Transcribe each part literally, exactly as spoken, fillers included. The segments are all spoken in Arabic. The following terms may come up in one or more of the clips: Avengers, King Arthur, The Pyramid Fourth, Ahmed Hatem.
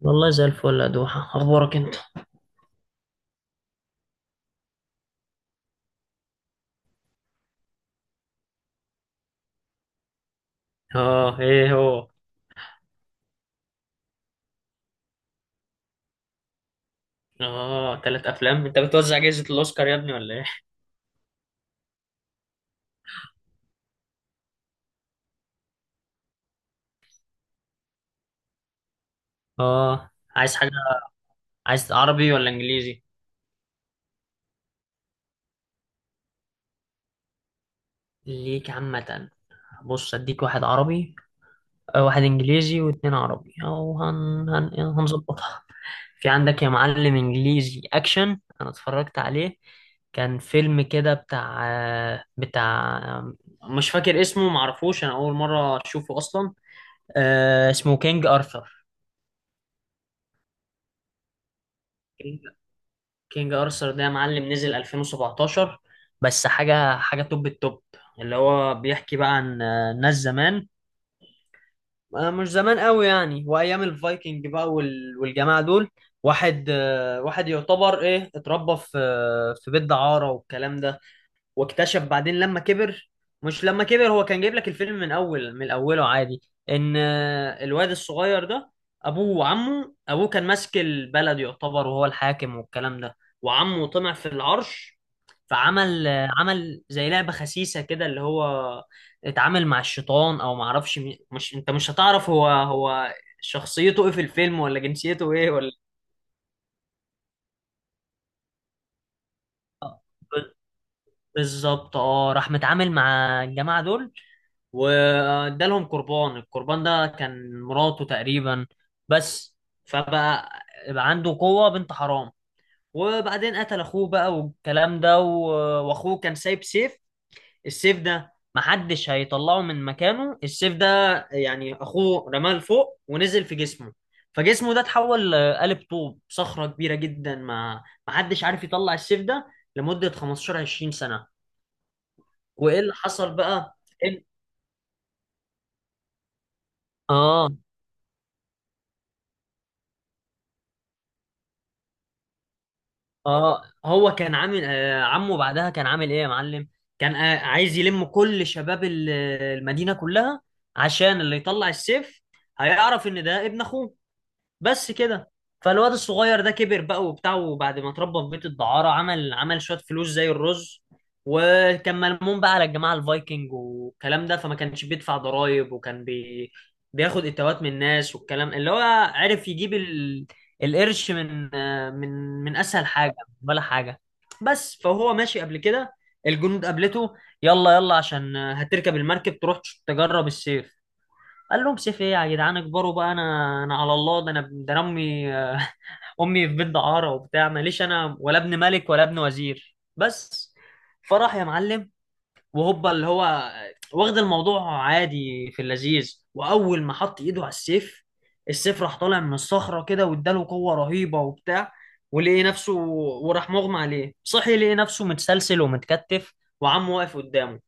والله زي الفل يا دوحة، أخبارك أنت؟ آه، إيه هو؟ آه، تلات أفلام؟ أنت بتوزع جائزة الأوسكار يا ابني ولا إيه؟ آه، عايز حاجة، عايز عربي ولا إنجليزي؟ ليك عامة. بص أديك واحد عربي. آه، واحد إنجليزي واتنين عربي أو هن... هن... هنظبطها. في عندك يا معلم إنجليزي أكشن أنا اتفرجت عليه. كان فيلم كده بتاع بتاع مش فاكر اسمه، معرفوش، أنا أول مرة أشوفه أصلا. آه اسمه كينج أرثر. كينج ارثر ده يا معلم نزل ألفين وسبعتاشر، بس حاجه حاجه توب التوب. اللي هو بيحكي بقى عن آه، ناس زمان، آه، مش زمان قوي يعني، وايام الفايكنج بقى وال- والجماعه دول. واحد آه، واحد يعتبر ايه، اتربى في آه، في بيت دعاره والكلام ده. واكتشف بعدين لما كبر، مش لما كبر، هو كان جايب لك الفيلم من اول من اوله عادي، ان آه، الواد الصغير ده ابوه وعمه، ابوه كان ماسك البلد يعتبر، وهو الحاكم والكلام ده. وعمه طمع في العرش، فعمل آه، عمل زي لعبة خسيسة كده، اللي هو اتعامل مع الشيطان او معرفش مين- مش، انت مش هتعرف هو هو شخصيته ايه في الفيلم ولا جنسيته ايه ولا. بالظبط، اه، راح متعامل مع الجماعة دول وادالهم قربان، القربان ده كان مراته تقريبا. بس فبقى بقى عنده قوة بنت حرام. وبعدين قتل اخوه بقى والكلام ده، و- واخوه كان سايب سيف، السيف ده محدش هيطلعه من مكانه، السيف ده يعني اخوه رماه لفوق ونزل في جسمه، فجسمه ده اتحول لقالب طوب، صخرة كبيرة جدا، ما محدش عارف يطلع السيف ده لمدة خمستاشر عشرين سنة. وايه اللي حصل بقى؟ إن- اه، اه هو كان عامل آه عمه، بعدها كان عامل ايه يا معلم؟ كان آه عايز يلم كل شباب ال- المدينة كلها، عشان اللي يطلع السيف هيعرف ان ده ابن اخوه. بس كده. فالواد الصغير ده كبر بقى وبتاع، وبعد ما اتربى في بيت الدعارة عمل عمل شوية فلوس زي الرز، وكان ملموم بقى على الجماعة الفايكنج والكلام ده، فما كانش بيدفع ضرائب، وكان بي... بياخد اتوات من الناس والكلام. اللي هو عرف يجيب ال... القرش من من من اسهل حاجة ولا حاجة. بس فهو ماشي قبل كده، الجنود قابلته: يلا يلا عشان هتركب المركب تروح تجرب السيف. قال لهم: سيف ايه يا جدعان، اكبروا بقى، انا انا على الله، ده انا، ده انا امي امي في بيت دعاره وبتاع، ماليش انا ولا ابن ملك ولا ابن وزير، بس. فراح يا معلم، وهوبا، اللي هو واخد الموضوع عادي في اللذيذ، واول ما حط ايده على السيف، السيف راح طالع من الصخره كده، واداله قوه رهيبه وبتاع، ولقي نفسه، وراح مغمى عليه، صحي لقي نفسه متسلسل ومتكتف، وعمه واقف قدامه.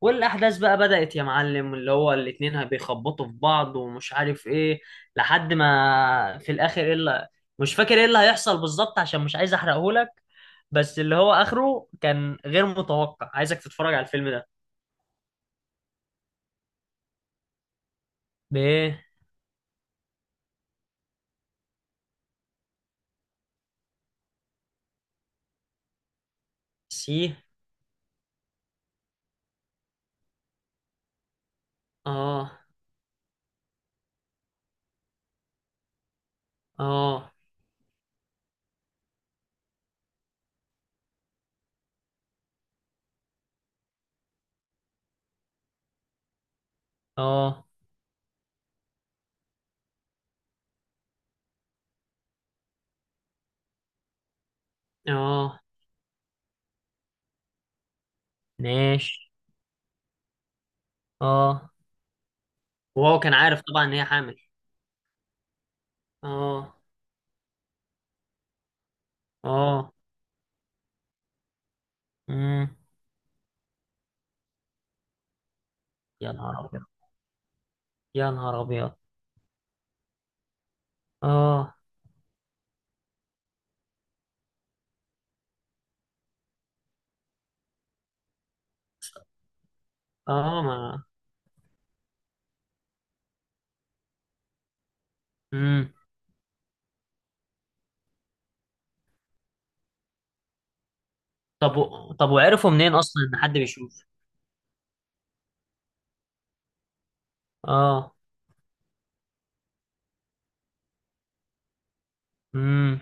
والاحداث بقى بدأت يا معلم، اللي هو الاتنين هي- بيخبطوا في بعض ومش عارف ايه، لحد ما في الاخر ايه اللي، مش فاكر ايه اللي هيحصل بالظبط عشان مش عايز احرقهولك. بس اللي هو اخره كان غير متوقع، عايزك تتفرج على الفيلم ده. ب سي. اه. اه. اه. اه ماشي. اه، وهو كان عارف طبعا ان هي حامل. اه. اه. امم. يا نهار ابيض، يا نهار ابيض. اه. اه ما امم. طب و... طب وعرفوا منين اصلا ان حد بيشوف؟ اه. امم.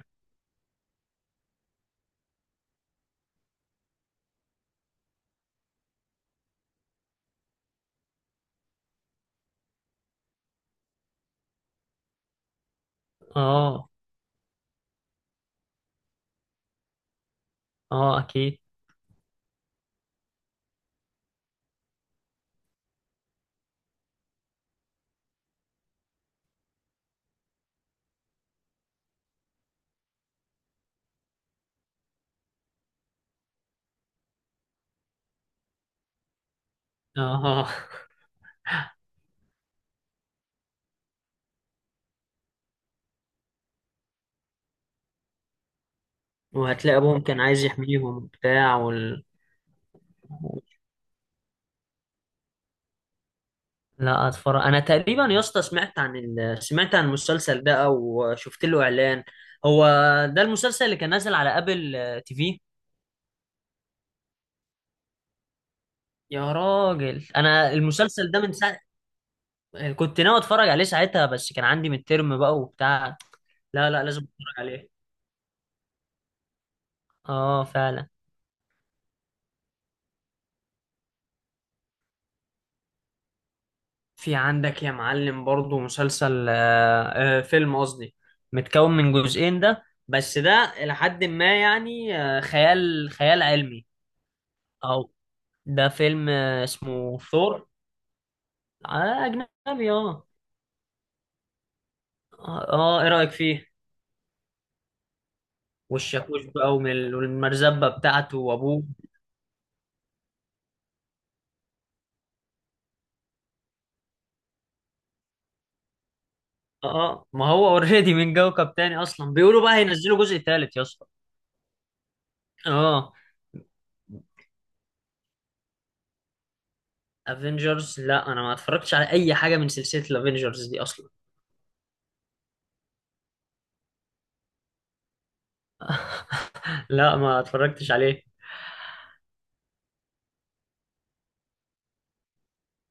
اه. اه اكيد. اه. وهتلاقي ابوهم كان عايز يحميهم وبتاع وال... لا اتفرج. انا تقريبا يا اسطى سمعت عن ال... سمعت عن المسلسل ده، او شفت له اعلان. هو ده المسلسل اللي كان نازل على ابل آه، تي في؟ يا راجل انا المسلسل ده من ساعه كنت ناوي اتفرج عليه ساعتها، بس كان عندي مترم بقى وبتاع. لا لا، لازم اتفرج عليه. اه فعلا. في عندك يا معلم برضو مسلسل آه، آه، فيلم قصدي، متكون من جزئين ده، بس ده إلى حد ما يعني آه، خيال خيال علمي. أو ده فيلم آه، اسمه ثور. آه، أجنبي، اه. اه، آه، إيه رأيك فيه؟ والشاكوش بقى ومل- والمرزبة بتاعته وأبوه. اه، آه. ما هو اوريدي من كوكب تاني أصلا، بيقولوا بقى هينزلوا جزء تالت يا اسطى. اه، افنجرز؟ لا، انا ما اتفرجتش على اي حاجه من سلسله الافنجرز دي اصلا. لا ما اتفرجتش عليه.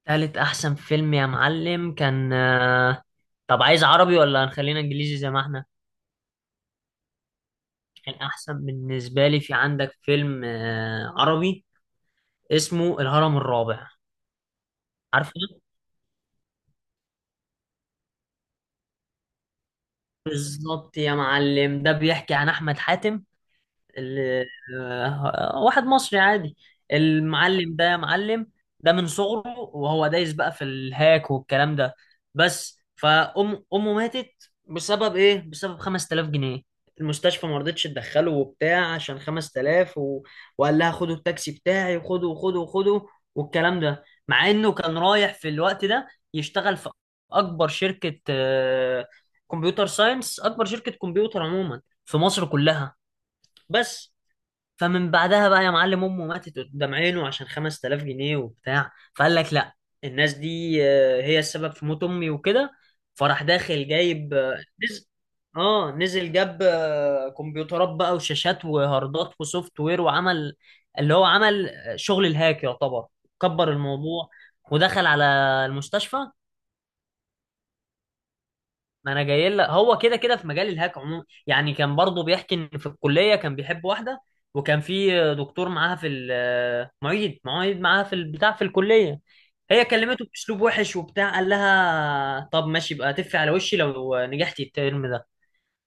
تالت احسن فيلم يا معلم كان آه، طب عايز عربي ولا هنخلينا انجليزي زي ما احنا؟ الاحسن بالنسبه لي، في عندك فيلم آه، عربي اسمه الهرم الرابع. عارفه؟ بالظبط يا معلم. ده بيحكي عن احمد حاتم، ال- آه، واحد مصري عادي. المعلم ده يا معلم ده من صغره وهو دايس بقى في الهاك والكلام ده، بس. فأم، أمه ماتت بسبب إيه؟ بسبب خمس تلاف جنيه. المستشفى ما رضتش تدخله وبتاع عشان خمس تلاف و... وقال لها خدوا التاكسي بتاعي، وخدوا وخدوا وخدوا والكلام ده، مع إنه كان رايح في الوقت ده يشتغل في أكبر شركة آه، كمبيوتر ساينس، أكبر شركة كمبيوتر عموما في مصر كلها. بس فمن بعدها بقى يا معلم، امه ماتت قدام عينه عشان خمس تلاف جنيه وبتاع، فقال لك لا، الناس دي آه، هي السبب في موت امي وكده. فراح داخل جايب آه، نزل، اه نزل جاب آه، كمبيوترات بقى وشاشات وهاردات وسوفت وير، وعمل اللي هو عمل آه، شغل الهاك يعتبر. كبر الموضوع ودخل على المستشفى. ما انا جاي لك، هو كده كده في مجال الهاك عموما. يعني كان برضه بيحكي ان في الكليه كان بيحب واحده، وكان في دكتور معاها في ال- معيد، معيد معاها في البتاع في الكليه. هي كلمته باسلوب وحش وبتاع، قال لها طب ماشي، يبقى تفي على وشي لو نجحتي الترم ده،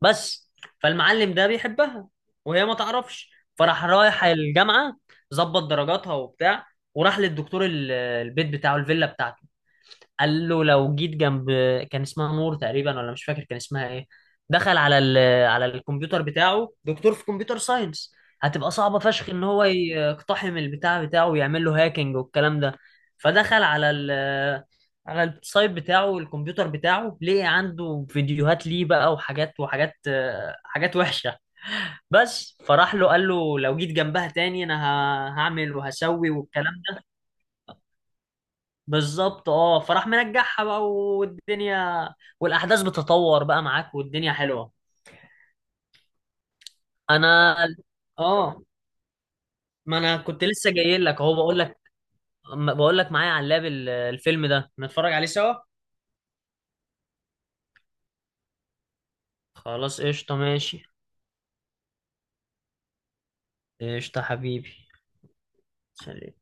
بس. فالمعلم ده بيحبها وهي ما تعرفش. فراح رايح الجامعه، ظبط درجاتها وبتاع. وراح للدكتور، ال- البيت بتاعه، الفيلا بتاعته. قال له لو جيت جنب، كان اسمها نور تقريبا ولا مش فاكر كان اسمها ايه. دخل على ال... على الكمبيوتر بتاعه، دكتور في كمبيوتر ساينس، هتبقى صعبة فشخ ان هو يقتحم البتاع بتاعه ويعمل له هاكينج والكلام ده. فدخل على ال... على السايت بتاعه، الكمبيوتر بتاعه، لقي عنده فيديوهات ليه بقى، وحاجات وحاجات آه، حاجات وحشة، بس. فراح له قال له لو جيت جنبها تاني انا ه- هعمل وهسوي والكلام. بالظبط، اه، فراح منجحها بقى، والدنيا والاحداث بتتطور بقى معاك، والدنيا حلوه. انا، اه، ما انا كنت لسه جاي لك اهو، بقول لك بقول لك معايا على اللاب ال- الفيلم ده، نتفرج عليه سوا. خلاص، قشطه، ماشي. قشطه حبيبي. سلام.